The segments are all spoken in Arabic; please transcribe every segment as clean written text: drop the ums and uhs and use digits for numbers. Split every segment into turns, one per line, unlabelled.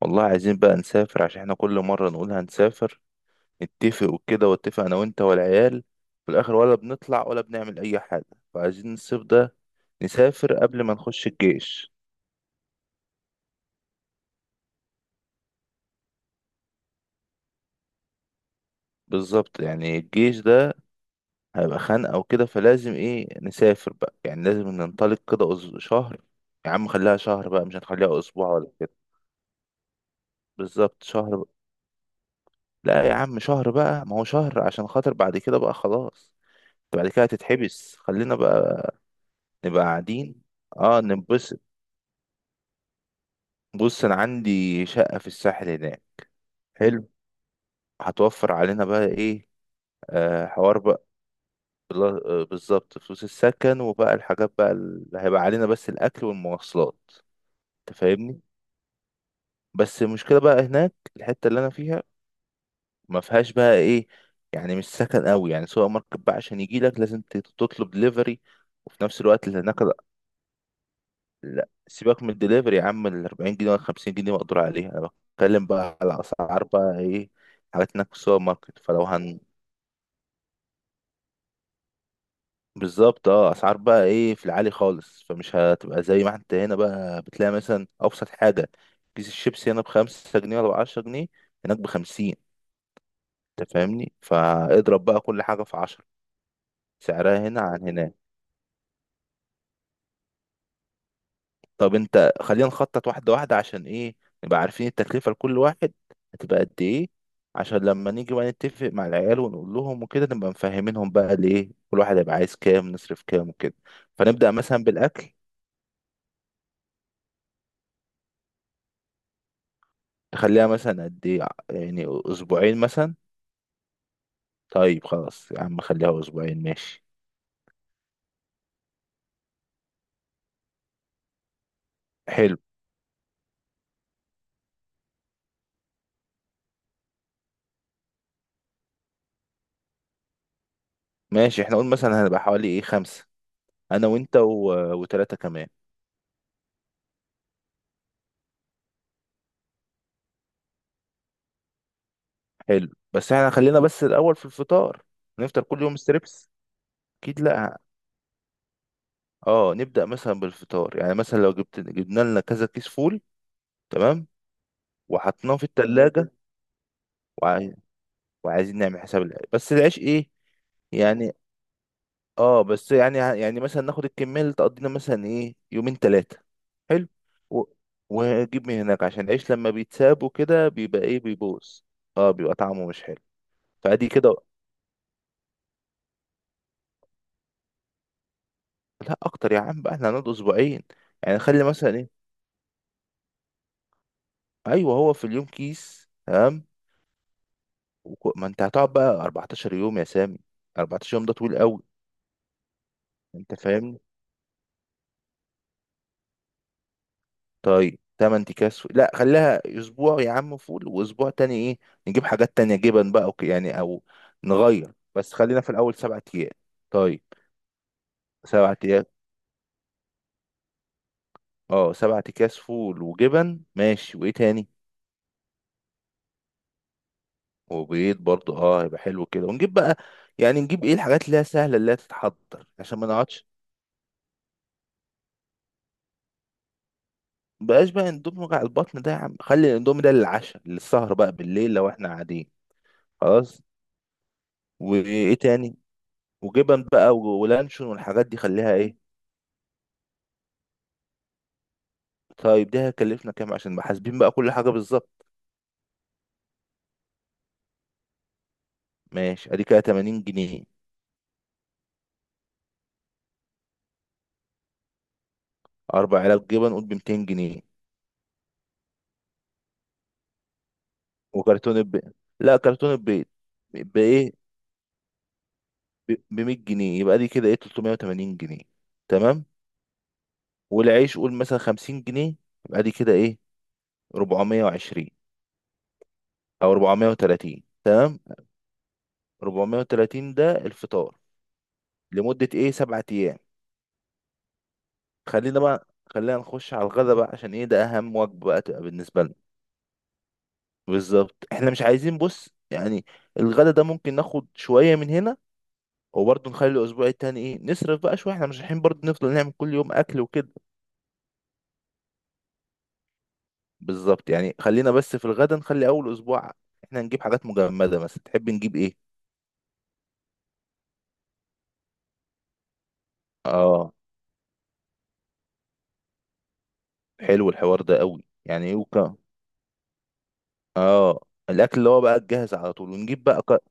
والله عايزين بقى نسافر عشان احنا كل مرة نقول هنسافر، نتفق وكده، واتفق انا وانت والعيال في الاخر ولا بنطلع ولا بنعمل اي حاجة. فعايزين الصيف ده نسافر قبل ما نخش الجيش. بالظبط، يعني الجيش ده هيبقى خانقة وكده، فلازم ايه نسافر بقى، يعني لازم ننطلق كده شهر. يا عم خليها شهر بقى، مش هنخليها اسبوع ولا كده. بالظبط شهر بقى. لا يا عم شهر بقى، ما هو شهر عشان خاطر بعد كده بقى خلاص بعد كده هتتحبس، خلينا بقى. نبقى قاعدين، اه ننبسط. بص انا عندي شقة في الساحل هناك. حلو، هتوفر علينا بقى ايه. آه حوار بقى. بالظبط، فلوس السكن، وبقى الحاجات بقى اللي هيبقى علينا بس الاكل والمواصلات. انت فاهمني. بس المشكلة بقى هناك الحتة اللي انا فيها ما فيهاش بقى ايه، يعني مش سكن قوي، يعني سوبر ماركت بقى عشان يجي لك لازم تطلب دليفري، وفي نفس الوقت اللي هناك. لا سيبك من الدليفري يا عم، ال 40 جنيه ولا 50 جنيه بقدر عليها. انا بتكلم بقى على اسعار بقى ايه، حاجات هناك في السوبر ماركت فلو هن. بالظبط، اه اسعار بقى ايه في العالي خالص، فمش هتبقى زي ما انت هنا بقى بتلاقي، مثلا ابسط حاجه كيس الشيبسي هنا بخمسة جنيه ولا بعشرة جنيه، هناك بخمسين. انت فاهمني؟ فاضرب بقى كل حاجه في عشرة سعرها هنا عن هناك. طب انت خلينا نخطط واحدة واحدة، عشان ايه، نبقى عارفين التكلفة لكل واحد هتبقى قد ايه، عشان لما نيجي بقى نتفق مع العيال ونقول لهم وكده نبقى مفهمينهم بقى الايه، كل واحد هيبقى عايز كام، نصرف كام وكده. فنبدأ مثلا بالأكل. تخليها مثلا قد ايه، يعني أسبوعين مثلا. طيب خلاص يا عم خليها أسبوعين ماشي. حلو. ماشي، احنا قلنا مثلا هنبقى حوالي ايه خمسة. أنا وأنت وتلاتة كمان. حلو. بس احنا خلينا بس الأول في الفطار، هنفطر كل يوم ستريبس. أكيد لأ. اه نبدأ مثلا بالفطار، يعني مثلا لو جبت جبنا لنا كذا كيس فول. تمام، وحطيناه في التلاجة. وعاي... وعايزين نعمل حساب العيش، بس العيش ايه يعني. اه بس يعني يعني مثلا ناخد الكمية اللي تقضينا مثلا ايه يومين تلاتة. حلو. و... ونجيب من هناك، عشان العيش لما بيتساب وكده بيبقى ايه بيبوظ. اه بيبقى طعمه مش حلو. فادي كده. لا اكتر يا عم بقى، احنا هنقعد اسبوعين. يعني خلي مثلا ايه. ايوه، هو في اليوم كيس تمام. ما انت هتقعد بقى 14 يوم يا سامي، 14 يوم ده طويل قوي. انت فاهمني. طيب تمن اكياس فول. لا خليها اسبوع يا عم فول، واسبوع تاني ايه، نجيب حاجات تانية جبن بقى، يعني او نغير، بس خلينا في الاول سبعة ايام. طيب، سبعة ايام. اه سبعة اكياس فول وجبن ماشي، وايه تاني. وبيض برضه، اه هيبقى حلو كده، ونجيب بقى، يعني نجيب ايه الحاجات اللي هي سهلة اللي هي تتحضر عشان ما نقعدش. بقاش بقى اندومي، وجع البطن ده يا عم، خلي الاندومي ده للعشاء للسهر بقى بالليل لو احنا قاعدين. خلاص. وايه تاني. وجبن بقى ولانشون والحاجات دي خليها ايه. طيب ده هيكلفنا كام، عشان بقى حاسبين بقى كل حاجه بالظبط. ماشي ادي كده 80 جنيه. اربع علب جبن قول ب 200 جنيه. وكرتون البيض. لا كرتون البيض. بايه، ب 100 جنيه. يبقى دي كده ايه 380 جنيه. تمام. والعيش قول مثلا 50 جنيه. يبقى دي كده ايه 420، او 430 تمام. 430 ده الفطار لمده ايه 7 ايام. خلينا بقى، خلينا نخش على الغدا بقى، عشان ايه ده اهم وجبة بقى تبقى بالنسبة لنا. بالظبط. احنا مش عايزين، بص يعني، الغدا ده ممكن ناخد شوية من هنا، وبرضه نخلي الاسبوع التاني ايه نصرف بقى شوية، احنا مش رايحين برضه نفضل نعمل كل يوم اكل وكده. بالظبط، يعني خلينا بس في الغدا نخلي اول اسبوع احنا نجيب حاجات مجمدة، مثلا تحب نجيب ايه. اه. حلو الحوار ده قوي، يعني ايه وكا. اه الاكل اللي هو بقى الجاهز على طول، ونجيب بقى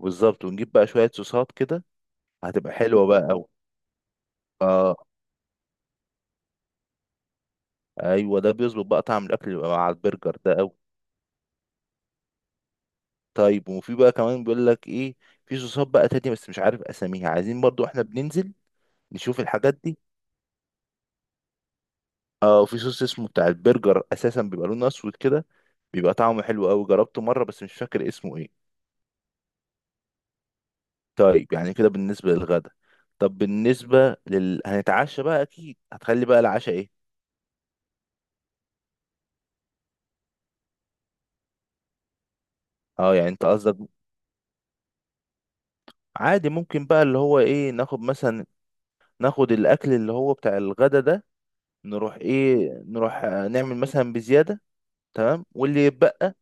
بالظبط، ونجيب بقى شوية صوصات كده، هتبقى حلوة بقى قوي. اه ايوه، ده بيظبط بقى طعم الاكل اللي بقى مع البرجر ده قوي. طيب، وفي بقى كمان بيقول لك ايه، في صوصات بقى تانية بس مش عارف اساميها، عايزين برضو احنا بننزل نشوف الحاجات دي. اه في صوص اسمه بتاع البرجر اساسا بيبقى لونه اسود كده، بيبقى طعمه حلو قوي، جربته مره بس مش فاكر اسمه ايه. طيب يعني كده بالنسبه للغدا. طب بالنسبه لل هنتعشى بقى، اكيد هتخلي بقى العشاء ايه. اه يعني انت قصدك. عادي، ممكن بقى اللي هو ايه ناخد مثلا، ناخد الاكل اللي هو بتاع الغدا ده، نروح ايه نروح نعمل مثلا بزيادة. تمام، واللي يتبقى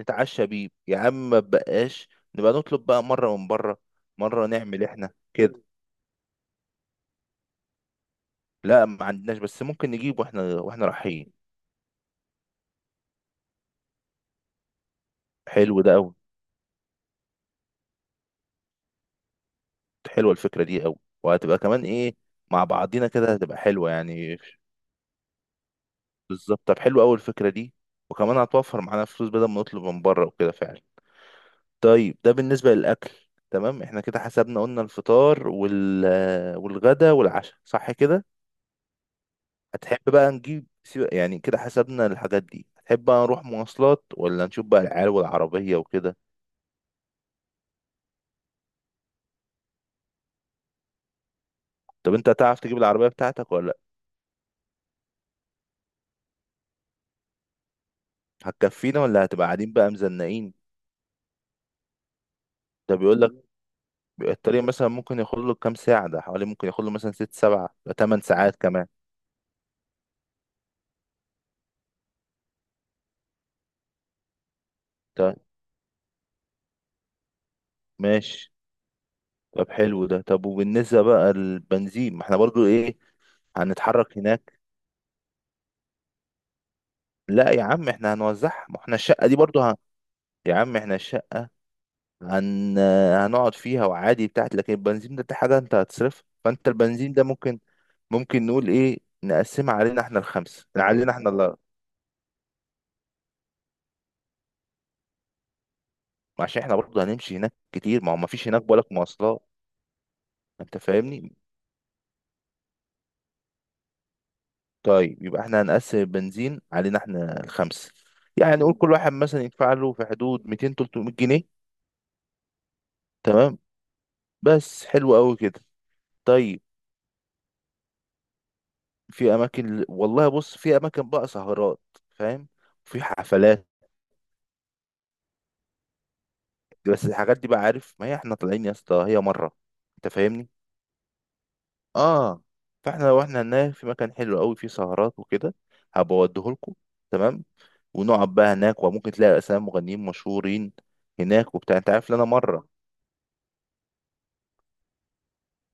نتعشى بيه يا عم، ما تبقاش، نبقى نطلب بقى مرة من بره، مرة نعمل احنا كده. لا ما عندناش، بس ممكن نجيب واحنا واحنا رايحين. حلو ده قوي. حلوة الفكرة دي قوي، وهتبقى كمان ايه، مع بعضينا كده هتبقى حلوة يعني. بالظبط، طب حلو قوي الفكرة دي، وكمان هتوفر معانا فلوس بدل ما نطلب من بره وكده فعلا. طيب ده بالنسبة للأكل. تمام احنا كده حسبنا، قلنا الفطار وال والغدا والعشاء صح كده. هتحب بقى نجيب يعني كده حسبنا الحاجات دي، هتحب بقى نروح مواصلات، ولا نشوف بقى العيال والعربية وكده. طب انت هتعرف تجيب العربية بتاعتك ولا لأ؟ هتكفينا ولا هتبقى قاعدين بقى مزنقين. ده بيقول لك الطريق مثلا ممكن ياخد له كام ساعة، ده حوالي ممكن ياخد له مثلا ست سبعة تمن ساعات كمان. طيب ماشي. طب حلو ده. طب وبالنسبة بقى للبنزين، ما احنا برضو ايه هنتحرك هناك. لا يا عم احنا هنوزعها، ما احنا الشقة دي برضو يا عم احنا الشقة هن... هنقعد فيها وعادي بتاعت، لكن البنزين ده حاجة انت هتصرفها، فانت البنزين ده ممكن، ممكن نقول ايه نقسمها علينا احنا الخمسة، علينا احنا اللي، عشان احنا برضو هنمشي هناك كتير، ما هو ما فيش هناك بالك مواصلات. انت فاهمني. طيب، يبقى احنا هنقسم البنزين علينا احنا الخمسة، يعني نقول كل واحد مثلا يدفع له في حدود 200 300 جنيه. تمام. بس حلو قوي كده. طيب، في اماكن والله، بص في اماكن بقى سهرات. فاهم. في حفلات، بس الحاجات دي بقى، عارف ما هي احنا طالعين يا اسطى هي مره. انت فاهمني. اه، فاحنا لو احنا هناك في مكان حلو قوي فيه سهرات وكده، هبقى اوديهولكوا، تمام، ونقعد بقى هناك، وممكن تلاقي اسامي مغنيين مشهورين هناك وبتاع، انت عارف ان انا مره.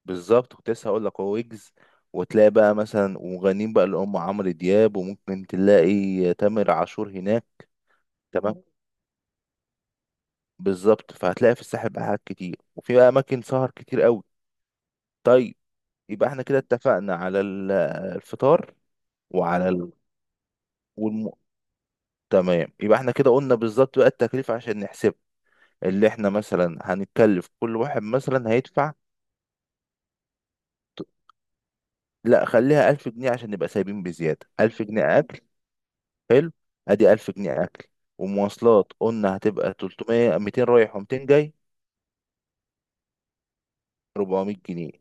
بالظبط، كنت لسه هقول لك، هو ويجز، وتلاقي بقى مثلا ومغنيين بقى اللي هم عمرو دياب، وممكن تلاقي تامر عاشور هناك. تمام. بالظبط فهتلاقي في الساحل بقى حاجات كتير، وفي بقى اماكن سهر كتير قوي. طيب، يبقى احنا كده اتفقنا على الفطار، وعلى والم... تمام، يبقى احنا كده قلنا بالظبط بقى التكلفة، عشان نحسب اللي احنا مثلا هنتكلف، كل واحد مثلا هيدفع. ت- لا خليها 1000 جنيه عشان نبقى سايبين بزيادة، 1000 جنيه أكل. حلو. أدي 1000 جنيه أكل. ومواصلات قلنا هتبقى 300، 200 رايح وميتين جاي. 400 جنيه.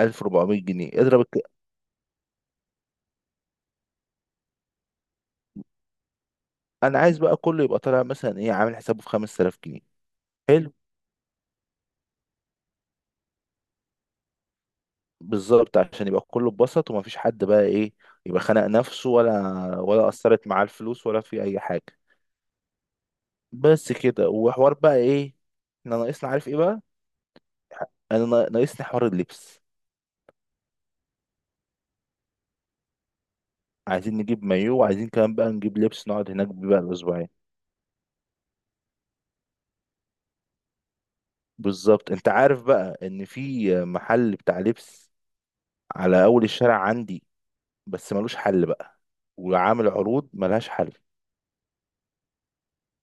1400 جنيه اضرب. انا عايز بقى كله يبقى طالع مثلا ايه عامل حسابه في 5000 جنيه. حلو. بالظبط، عشان يبقى كله اتبسط ومفيش حد بقى ايه يبقى خانق نفسه، ولا ولا اثرت معاه الفلوس، ولا في اي حاجه. بس كده، وحوار بقى ايه احنا ناقصنا عارف ايه بقى. انا ناقصني حوار اللبس، عايزين نجيب مايو، وعايزين كمان بقى نجيب لبس نقعد هناك بيه بقى الاسبوعين. بالظبط، انت عارف بقى ان في محل بتاع لبس على اول الشارع عندي، بس ملوش حل بقى، وعامل عروض ملهاش حل.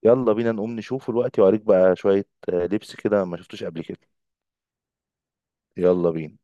يلا بينا نقوم نشوفه دلوقتي، وأوريك بقى شوية لبس كده ما شفتوش قبل كده. يلا بينا.